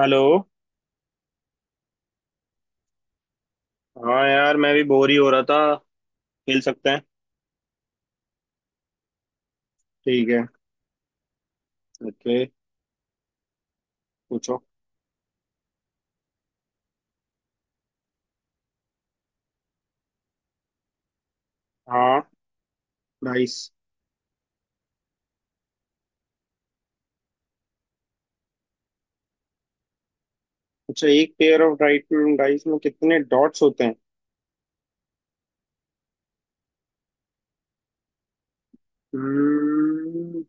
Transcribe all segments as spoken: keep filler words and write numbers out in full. Hello. हाँ यार, मैं भी बोर ही हो रहा था। खेल सकते हैं। ठीक है। ओके। पूछो। हाँ। डाइस। अच्छा, एक पेयर ऑफ डाइस में डाइस में कितने डॉट्स होते हैं? हम्म,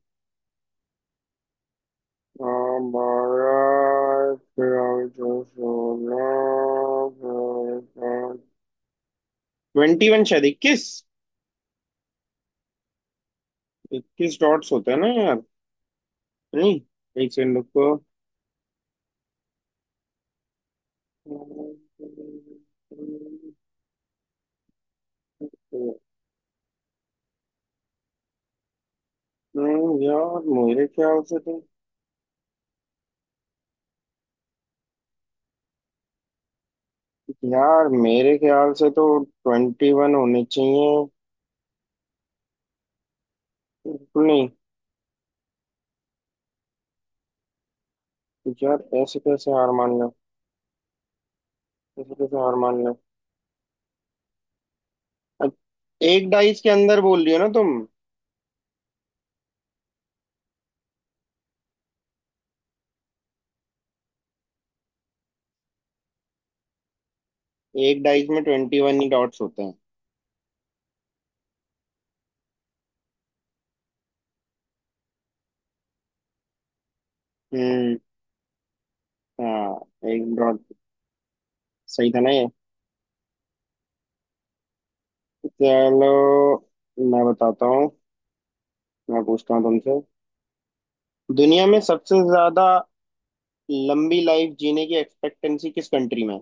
ट्वेंटी वन, शायद इक्कीस। इक्कीस डॉट्स होते हैं ना यार। नहीं, एक सेकंड रुको। हम्म, यार मेरे ख्याल से तो यार मेरे ख्याल से तो ट्वेंटी वन होने चाहिए। बिल्कुल नहीं। यार ऐसे कैसे हार मान लो। ऐसे कैसे हार मान लो। अब एक डाइस के अंदर बोल रही हो ना तुम। एक डाइस में ट्वेंटी वन ही डॉट्स होते हैं। हम्म। हाँ, एक डॉट। सही था ना ये? चलो, मैं बताता हूँ। मैं पूछता हूँ तुमसे। दुनिया में सबसे ज्यादा लंबी लाइफ जीने की एक्सपेक्टेंसी किस कंट्री में है?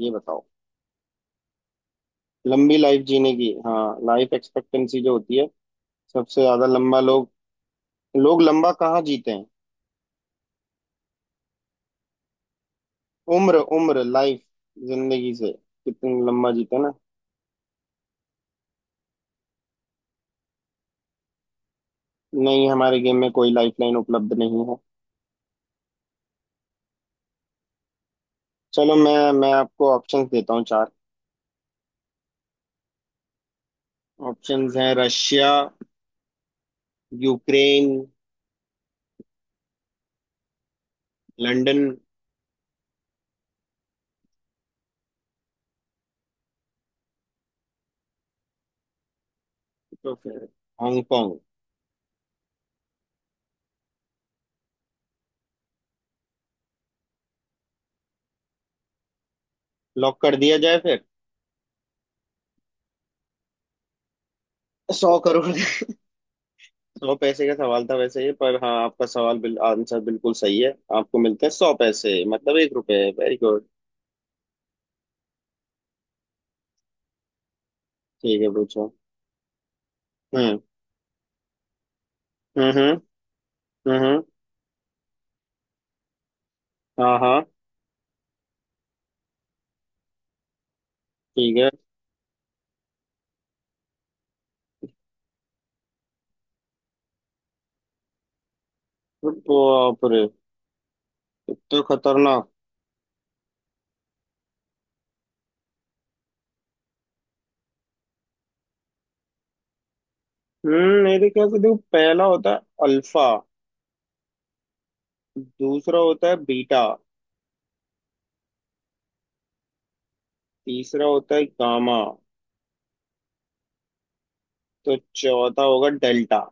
ये बताओ। लंबी लाइफ जीने की। हाँ, लाइफ एक्सपेक्टेंसी जो होती है। सबसे ज्यादा लंबा लोग। लोग लंबा कहाँ जीते हैं? उम्र उम्र लाइफ। जिंदगी से। कितनी लंबा जीते हैं ना। नहीं, हमारे गेम में कोई लाइफ लाइन उपलब्ध नहीं है। चलो, मैं मैं आपको ऑप्शंस देता हूँ चार। ऑप्शंस हैं: रशिया, यूक्रेन, लंदन। तो फिर हांगकांग। लॉक कर दिया जाए फिर। सौ करोड़। सौ पैसे का सवाल था वैसे ये, पर हाँ, आपका सवाल बिल, आंसर बिल्कुल सही है। आपको मिलते हैं सौ पैसे, मतलब एक रुपए। Very good. ठीक है, पूछो। हम्म हम्म हम्म। हम्म। हाँ। हाँ। ठीक है। तो बाप रे, इतना खतरनाक। हम्म, मेरे ख्याल से देखो, पहला होता है अल्फा। दूसरा होता है बीटा। तीसरा होता है गामा। तो चौथा होगा डेल्टा।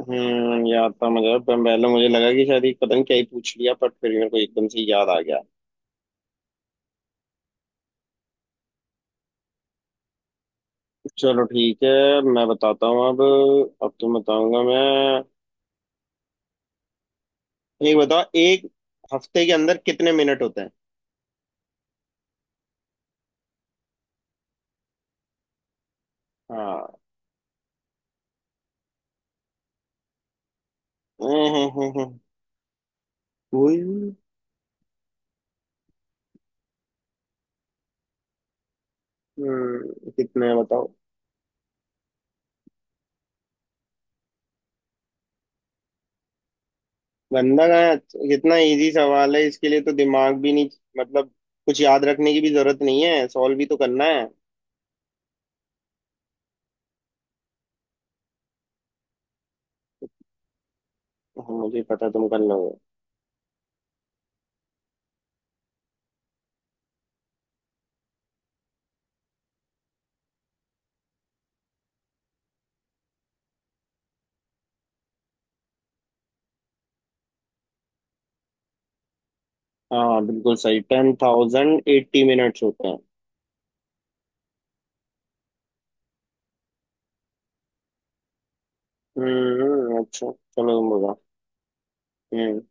हम्म, याद था मुझे, पर पहले मुझे लगा कि शायद ये पता नहीं क्या ही पूछ लिया, बट फिर मेरे को एकदम से याद आ गया। चलो, ठीक है। मैं बताता हूँ अब। अब तुम बताऊंगा मैं। एक बताओ, एक हफ्ते के अंदर कितने मिनट होते हैं? हाँ। हम्म हम्म हम्म। हम्म। हम्म, कितने हैं बताओ। बंदा कहाँ है? कितना इजी सवाल है, इसके लिए तो दिमाग भी नहीं। मतलब, कुछ याद रखने की भी जरूरत नहीं है, सॉल्व भी तो करना है। हाँ, मुझे पता तुम कर लोगे। हाँ, बिल्कुल सही, टेन थाउजेंड एट्टी मिनट्स होते हैं। हम्म, अच्छा चलो तुम बताओ। हम्म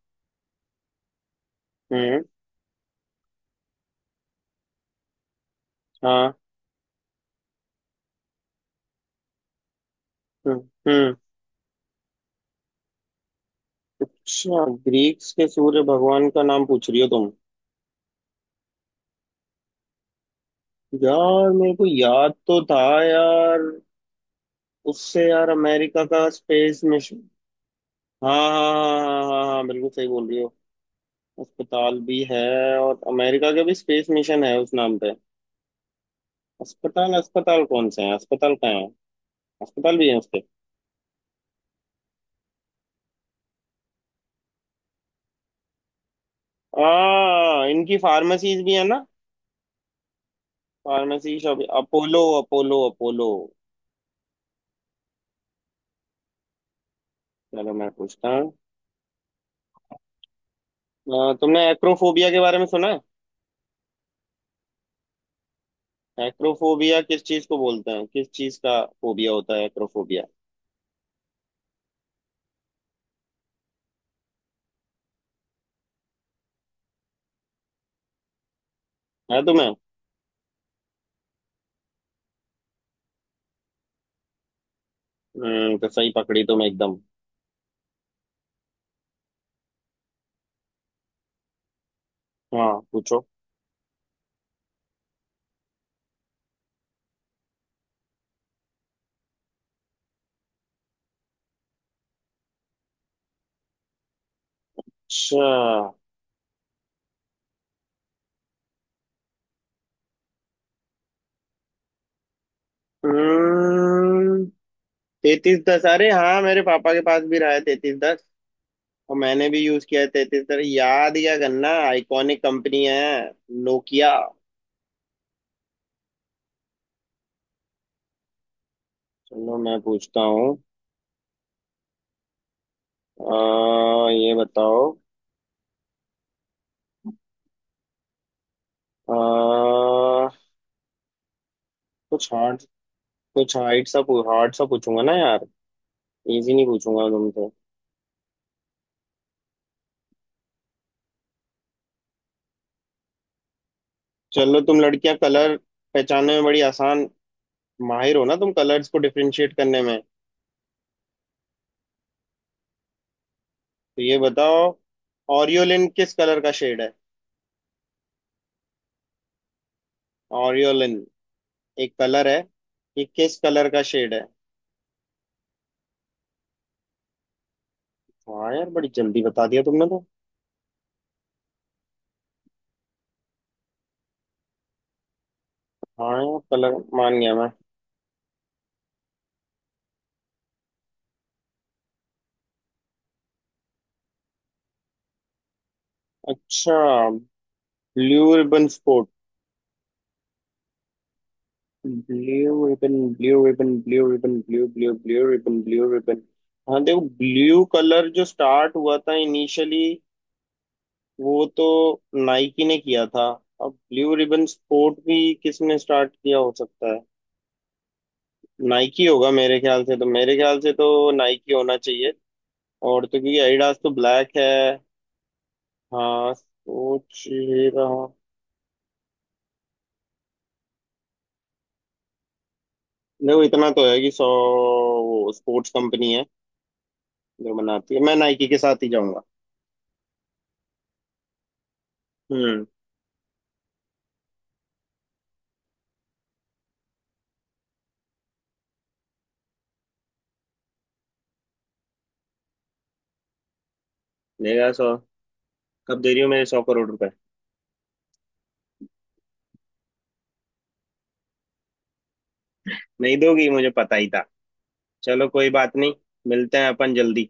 हम्म। हाँ। हम्म हम्म। अच्छा, ग्रीक्स के सूर्य भगवान का नाम पूछ रही हो तुम? यार, मेरे को याद तो था यार। उससे यार अमेरिका का स्पेस मिशन। हाँ हाँ हाँ हाँ हाँ हाँ, बिल्कुल सही बोल रही हो। अस्पताल भी है। और अमेरिका का भी स्पेस मिशन है उस नाम पे। अस्पताल, अस्पताल कौन से हैं, अस्पताल कहाँ है? अस्पताल भी है उसके। आ इनकी फार्मेसीज भी है ना। Pharmacy shop. Apollo, Apollo, Apollo. चलो, मैं पूछता हूँ। अ, तुमने एक्रोफोबिया के बारे में सुना है? एक्रोफोबिया किस चीज को बोलते हैं, किस चीज का फोबिया होता है एक्रोफोबिया? है तुम्हें? हम्म, तो सही पकड़ी तुम एकदम। हाँ, पूछो। अच्छा। हम्म, तैतीस दस, अरे हाँ, मेरे पापा के पास भी रहा है तैतीस दस। और मैंने भी यूज किया है तैतीस दस। याद क्या करना, आइकॉनिक कंपनी है। नोकिया। चलो, मैं पूछता हूँ। अ, ये बताओ। अ, कुछ हार्ड, कुछ हार्ड सा। हार्ड सा पूछूंगा ना यार। इजी नहीं पूछूंगा तुमसे। चलो, तुम लड़कियां कलर पहचानने में बड़ी आसान, माहिर हो ना तुम कलर्स को डिफरेंशिएट करने में। तो ये बताओ, ऑरियोलिन किस कलर का शेड है? ऑरियोलिन एक कलर है। ये किस कलर का शेड है? हाँ यार, बड़ी जल्दी बता दिया तुमने तो। हाँ यार, कलर। मान गया मैं। अच्छा, blue ribbon sport. Blue ribbon, blue ribbon, blue ribbon, blue, blue, blue ribbon, blue ribbon. हाँ देखो, ब्लू कलर जो स्टार्ट हुआ था इनिशियली, वो तो नाइकी ने किया था। अब ब्लू रिबन स्पोर्ट भी किसने स्टार्ट किया हो सकता है? नाइकी होगा मेरे ख्याल से तो। मेरे ख्याल से तो नाइकी होना चाहिए। और तो क्योंकि एडिडास तो ब्लैक है। हाँ, सोच ही रहा हूँ। देखो, इतना तो है कि सौ, वो स्पोर्ट्स कंपनी है जो बनाती है, मैं नाइकी के साथ ही जाऊंगा। हम्म। देगा सौ। कब दे रही हो मेरे सौ करोड़ रुपए? नहीं दोगी, मुझे पता ही था। चलो, कोई बात नहीं। मिलते हैं अपन जल्दी।